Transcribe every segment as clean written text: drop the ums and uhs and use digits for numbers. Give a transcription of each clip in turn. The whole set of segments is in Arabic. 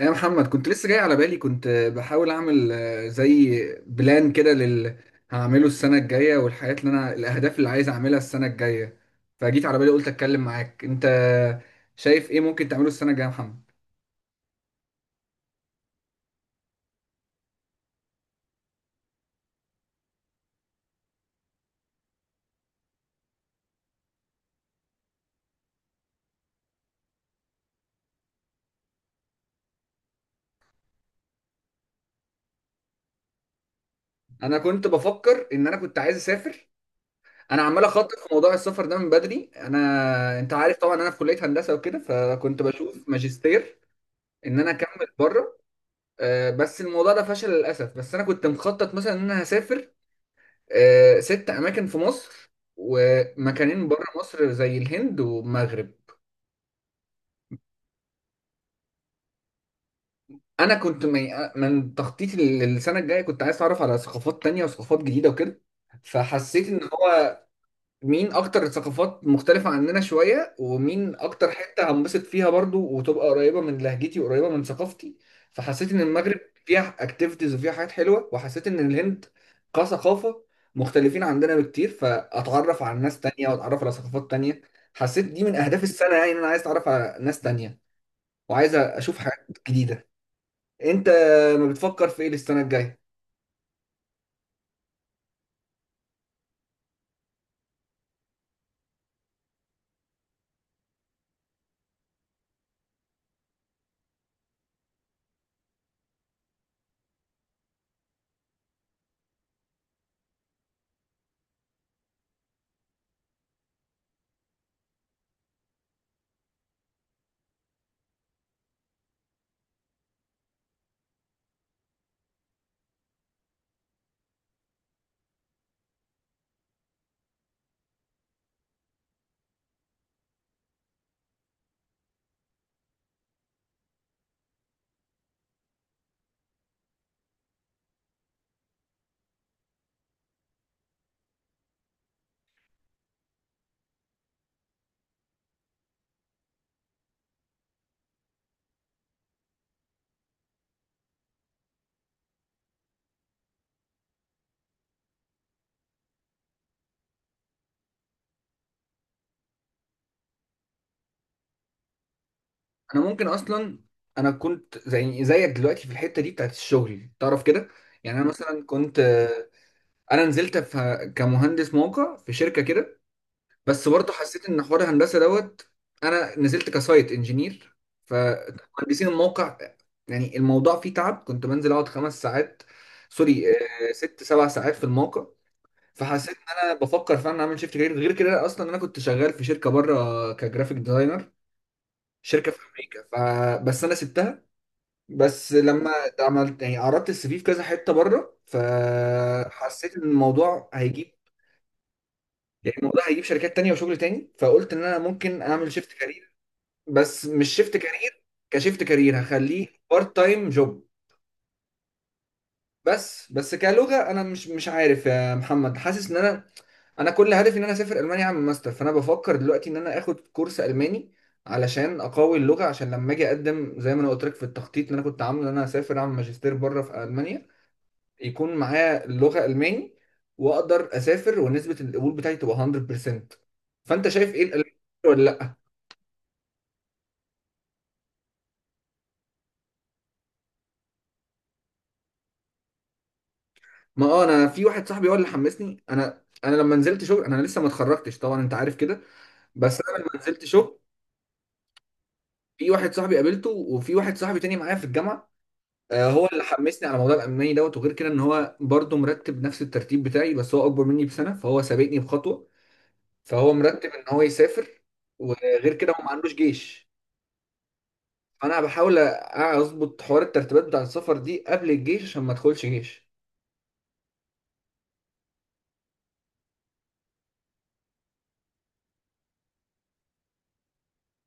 يا محمد، كنت لسه جاي على بالي. كنت بحاول اعمل زي بلان كده هعمله السنة الجاية، والحاجات اللي الاهداف اللي عايز اعملها السنة الجاية. فجيت على بالي قلت اتكلم معاك. انت شايف ايه ممكن تعمله السنة الجاية يا محمد؟ انا كنت بفكر ان انا كنت عايز اسافر. انا عمال اخطط في موضوع السفر ده من بدري. انا انت عارف طبعا انا في كلية هندسة وكده، فكنت بشوف ماجستير ان انا اكمل بره. بس الموضوع ده فشل للاسف. بس انا كنت مخطط مثلا ان انا هسافر ست أماكن في مصر ومكانين بره مصر، زي الهند والمغرب. أنا كنت من تخطيطي للسنة الجاية كنت عايز أتعرف على ثقافات تانية وثقافات جديدة وكده. فحسيت إن هو مين اكتر ثقافات مختلفة عننا شوية، ومين اكتر حتة هنبسط فيها برضو وتبقى قريبة من لهجتي وقريبة من ثقافتي. فحسيت ان المغرب فيها اكتيفيتيز وفيها حاجات حلوة، وحسيت ان الهند كثقافة مختلفين عندنا بكتير، فاتعرف على ناس تانية واتعرف على ثقافات تانية. حسيت دي من اهداف السنة، يعني ان انا عايز اتعرف على ناس تانية وعايز اشوف حاجات جديدة. انت ما بتفكر في ايه للسنة الجاية؟ انا ممكن اصلا، انا كنت زي زيك دلوقتي في الحته دي بتاعت الشغل، تعرف كده. يعني انا مثلا كنت، انا نزلت في كمهندس موقع في شركه كده. بس برضه حسيت ان حوار الهندسه دوت. انا نزلت كسايت انجينير، فمهندسين الموقع يعني الموضوع فيه تعب. كنت بنزل اقعد خمس ساعات، سوري، ست سبع ساعات في الموقع. فحسيت ان انا بفكر فعلا اعمل شيفت كارير. غير كده اصلا انا كنت شغال في شركه بره كجرافيك ديزاينر، شركه في امريكا، فبس انا سبتها. بس لما عملت، يعني عرضت السي في في كذا حته بره، فحسيت ان الموضوع هيجيب، يعني الموضوع هيجيب شركات تانية وشغل تاني، فقلت ان انا ممكن اعمل شيفت كارير. بس مش شيفت كارير كشيفت كارير، هخليه بارت تايم جوب. بس كلغه، انا مش عارف يا محمد. حاسس ان انا كل هدفي ان انا اسافر المانيا اعمل ماستر. فانا بفكر دلوقتي ان انا اخد كورس الماني علشان اقوي اللغه، عشان لما اجي اقدم زي ما انا قلت لك في التخطيط اللي انا كنت عامله، ان انا اسافر اعمل ماجستير بره في المانيا، يكون معايا اللغة ألماني وأقدر أسافر، ونسبة القبول بتاعتي تبقى 100%. فأنت شايف إيه الألماني ولا لأ؟ ما أنا في واحد صاحبي هو اللي حمسني. أنا لما نزلت شغل، أنا لسه ما اتخرجتش طبعا أنت عارف كده، بس أنا لما نزلت شغل في واحد صاحبي قابلته، وفي واحد صاحبي تاني معايا في الجامعة، هو اللي حمسني على موضوع الألماني دوت. وغير كده إن هو برضه مرتب نفس الترتيب بتاعي، بس هو أكبر مني بسنة فهو سابقني بخطوة. فهو مرتب إن هو يسافر، وغير كده هو ما عندوش جيش. فانا بحاول اظبط حوار الترتيبات بتاع السفر دي قبل الجيش، عشان ما ادخلش جيش.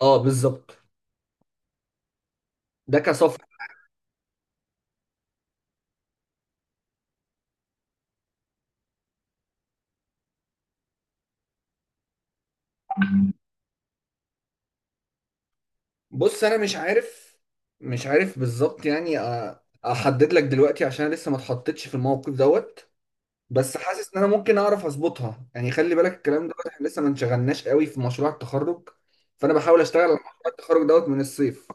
اه بالظبط، ده كسفر. بص انا مش عارف، مش عارف بالظبط، يعني احدد لك دلوقتي، عشان أنا لسه ما اتحطيتش في الموقف دوت. بس حاسس ان انا ممكن اعرف اظبطها. يعني خلي بالك، الكلام دوت احنا لسه ما انشغلناش قوي في مشروع التخرج، فانا بحاول اشتغل على مشروع التخرج دوت من الصيف.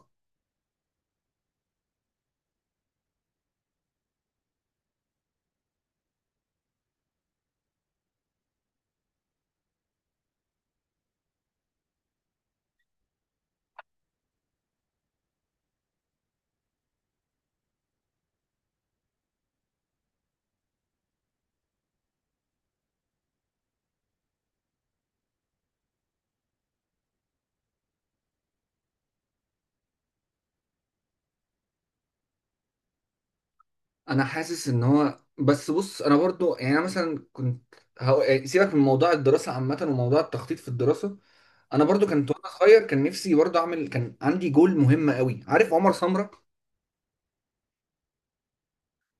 انا حاسس ان هو، بس بص انا برضو يعني، انا مثلا كنت، سيبك من موضوع الدراسة عامة وموضوع التخطيط في الدراسة. انا برضو كنت وانا صغير كان نفسي برضو اعمل، كان عندي جول مهم قوي. عارف عمر سمره؟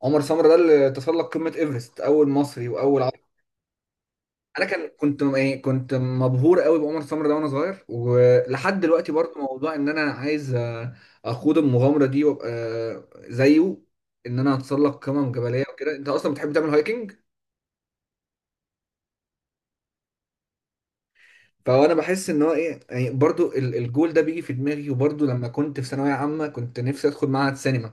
عمر سمره ده اللي تسلق قمه ايفرست، اول مصري واول عربي. انا يعني كنت مبهور قوي بعمر سمره ده وانا صغير، ولحد دلوقتي برضو موضوع ان انا عايز اخوض المغامره دي، وابقى زيه، ان انا اتسلق قمم جبليه وكده. انت اصلا بتحب تعمل هايكنج؟ فانا بحس ان هو ايه، يعني برضو الجول ده بيجي في دماغي. وبرضو لما كنت في ثانويه عامه كنت نفسي ادخل معهد سينما،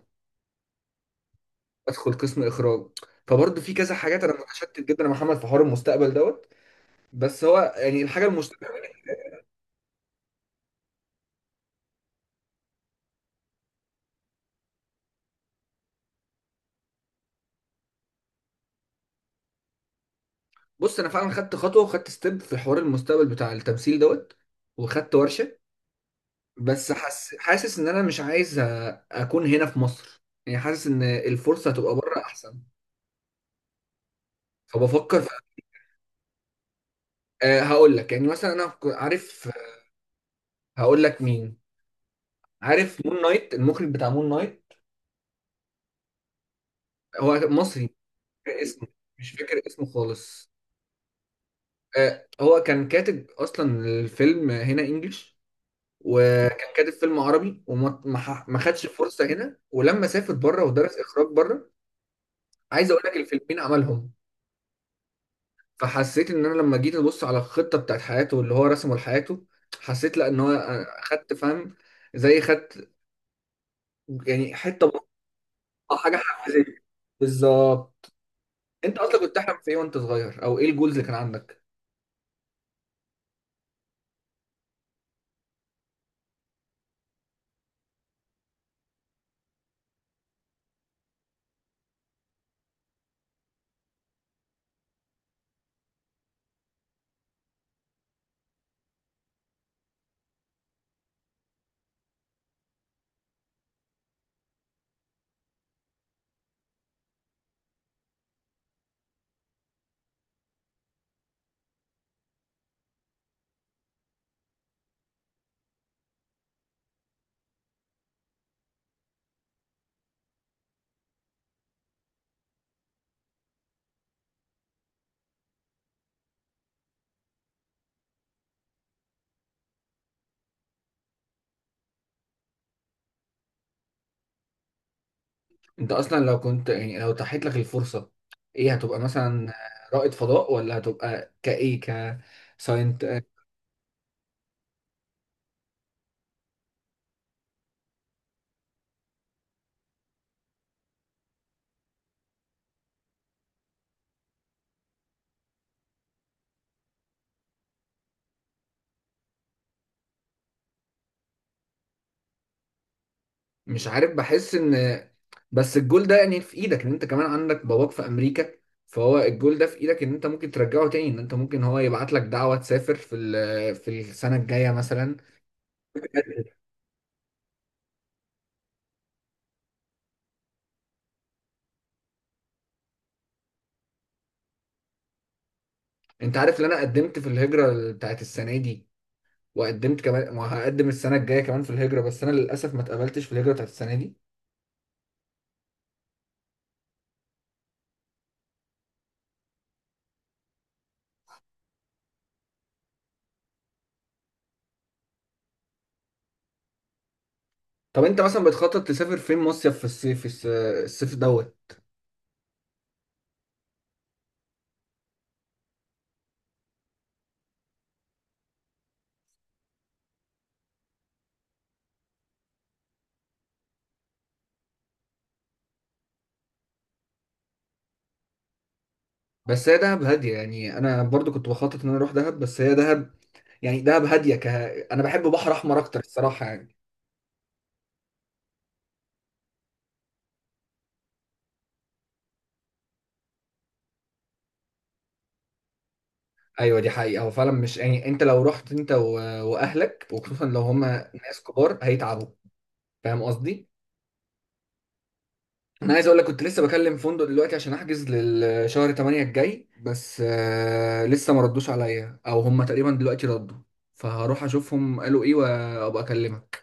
ادخل قسم اخراج. فبرضه في كذا حاجات، انا متشتت جدا يا محمد في حوار المستقبل دوت. بس هو يعني الحاجه المستقبل. بص انا فعلا خدت خطوه وخدت ستيب في حوار المستقبل بتاع التمثيل دوت، وخدت ورشه. بس حاسس ان انا مش عايز اكون هنا في مصر. يعني حاسس ان الفرصه هتبقى بره احسن، فبفكر في... أه هقول لك، يعني مثلا انا عارف، هقول لك مين. عارف مون نايت، المخرج بتاع مون نايت؟ هو مصري. مش فاكر اسمه، مش فاكر اسمه خالص. هو كان كاتب اصلا الفيلم هنا انجلش، وكان كاتب فيلم عربي، وما ما ح- ما خدش فرصه هنا. ولما سافر بره ودرس اخراج بره، عايز اقول لك الفيلمين عملهم. فحسيت ان انا لما جيت ابص على الخطه بتاعت حياته، اللي هو رسمه لحياته، حسيت لا ان هو خدت، فاهم، زي خدت يعني حته بسيطة، حاجه حفزيه، بالظبط. انت اصلا كنت تحلم في ايه وانت صغير؟ او ايه الجولز اللي كان عندك؟ انت اصلا لو كنت، يعني لو تحت لك الفرصه، ايه هتبقى مثلا؟ رائد فضاء، ولا هتبقى كايه، كساينت؟ مش عارف. بحس ان، بس الجول ده يعني في ايدك، ان انت كمان عندك باباك في امريكا. فهو الجول ده في ايدك، ان انت ممكن ترجعه تاني، ان انت ممكن هو يبعت لك دعوه تسافر في في السنه الجايه مثلا. انت عارف ان انا قدمت في الهجرة بتاعت السنة دي، وقدمت كمان وهقدم السنة الجاية كمان في الهجرة، بس انا للاسف ما اتقبلتش في الهجرة بتاعت السنة دي. طب انت مثلا بتخطط تسافر فين مصيف في الصيف، الصيف دوت؟ بس هي دهب هاديه، يعني انا برضو كنت بخطط ان انا اروح دهب، بس هي دهب يعني دهب هاديه انا بحب بحر احمر اكتر الصراحه يعني. ايوه دي حقيقه، هو فعلا مش يعني، انت لو رحت انت واهلك، وخصوصا لو هما ناس كبار هيتعبوا، فاهم قصدي؟ انا عايز اقول لك، كنت لسه بكلم فندق دلوقتي عشان احجز للشهر 8 الجاي، بس لسه ما ردوش عليا، او هما تقريبا دلوقتي ردوا، فهروح اشوفهم قالوا ايه وابقى اكلمك.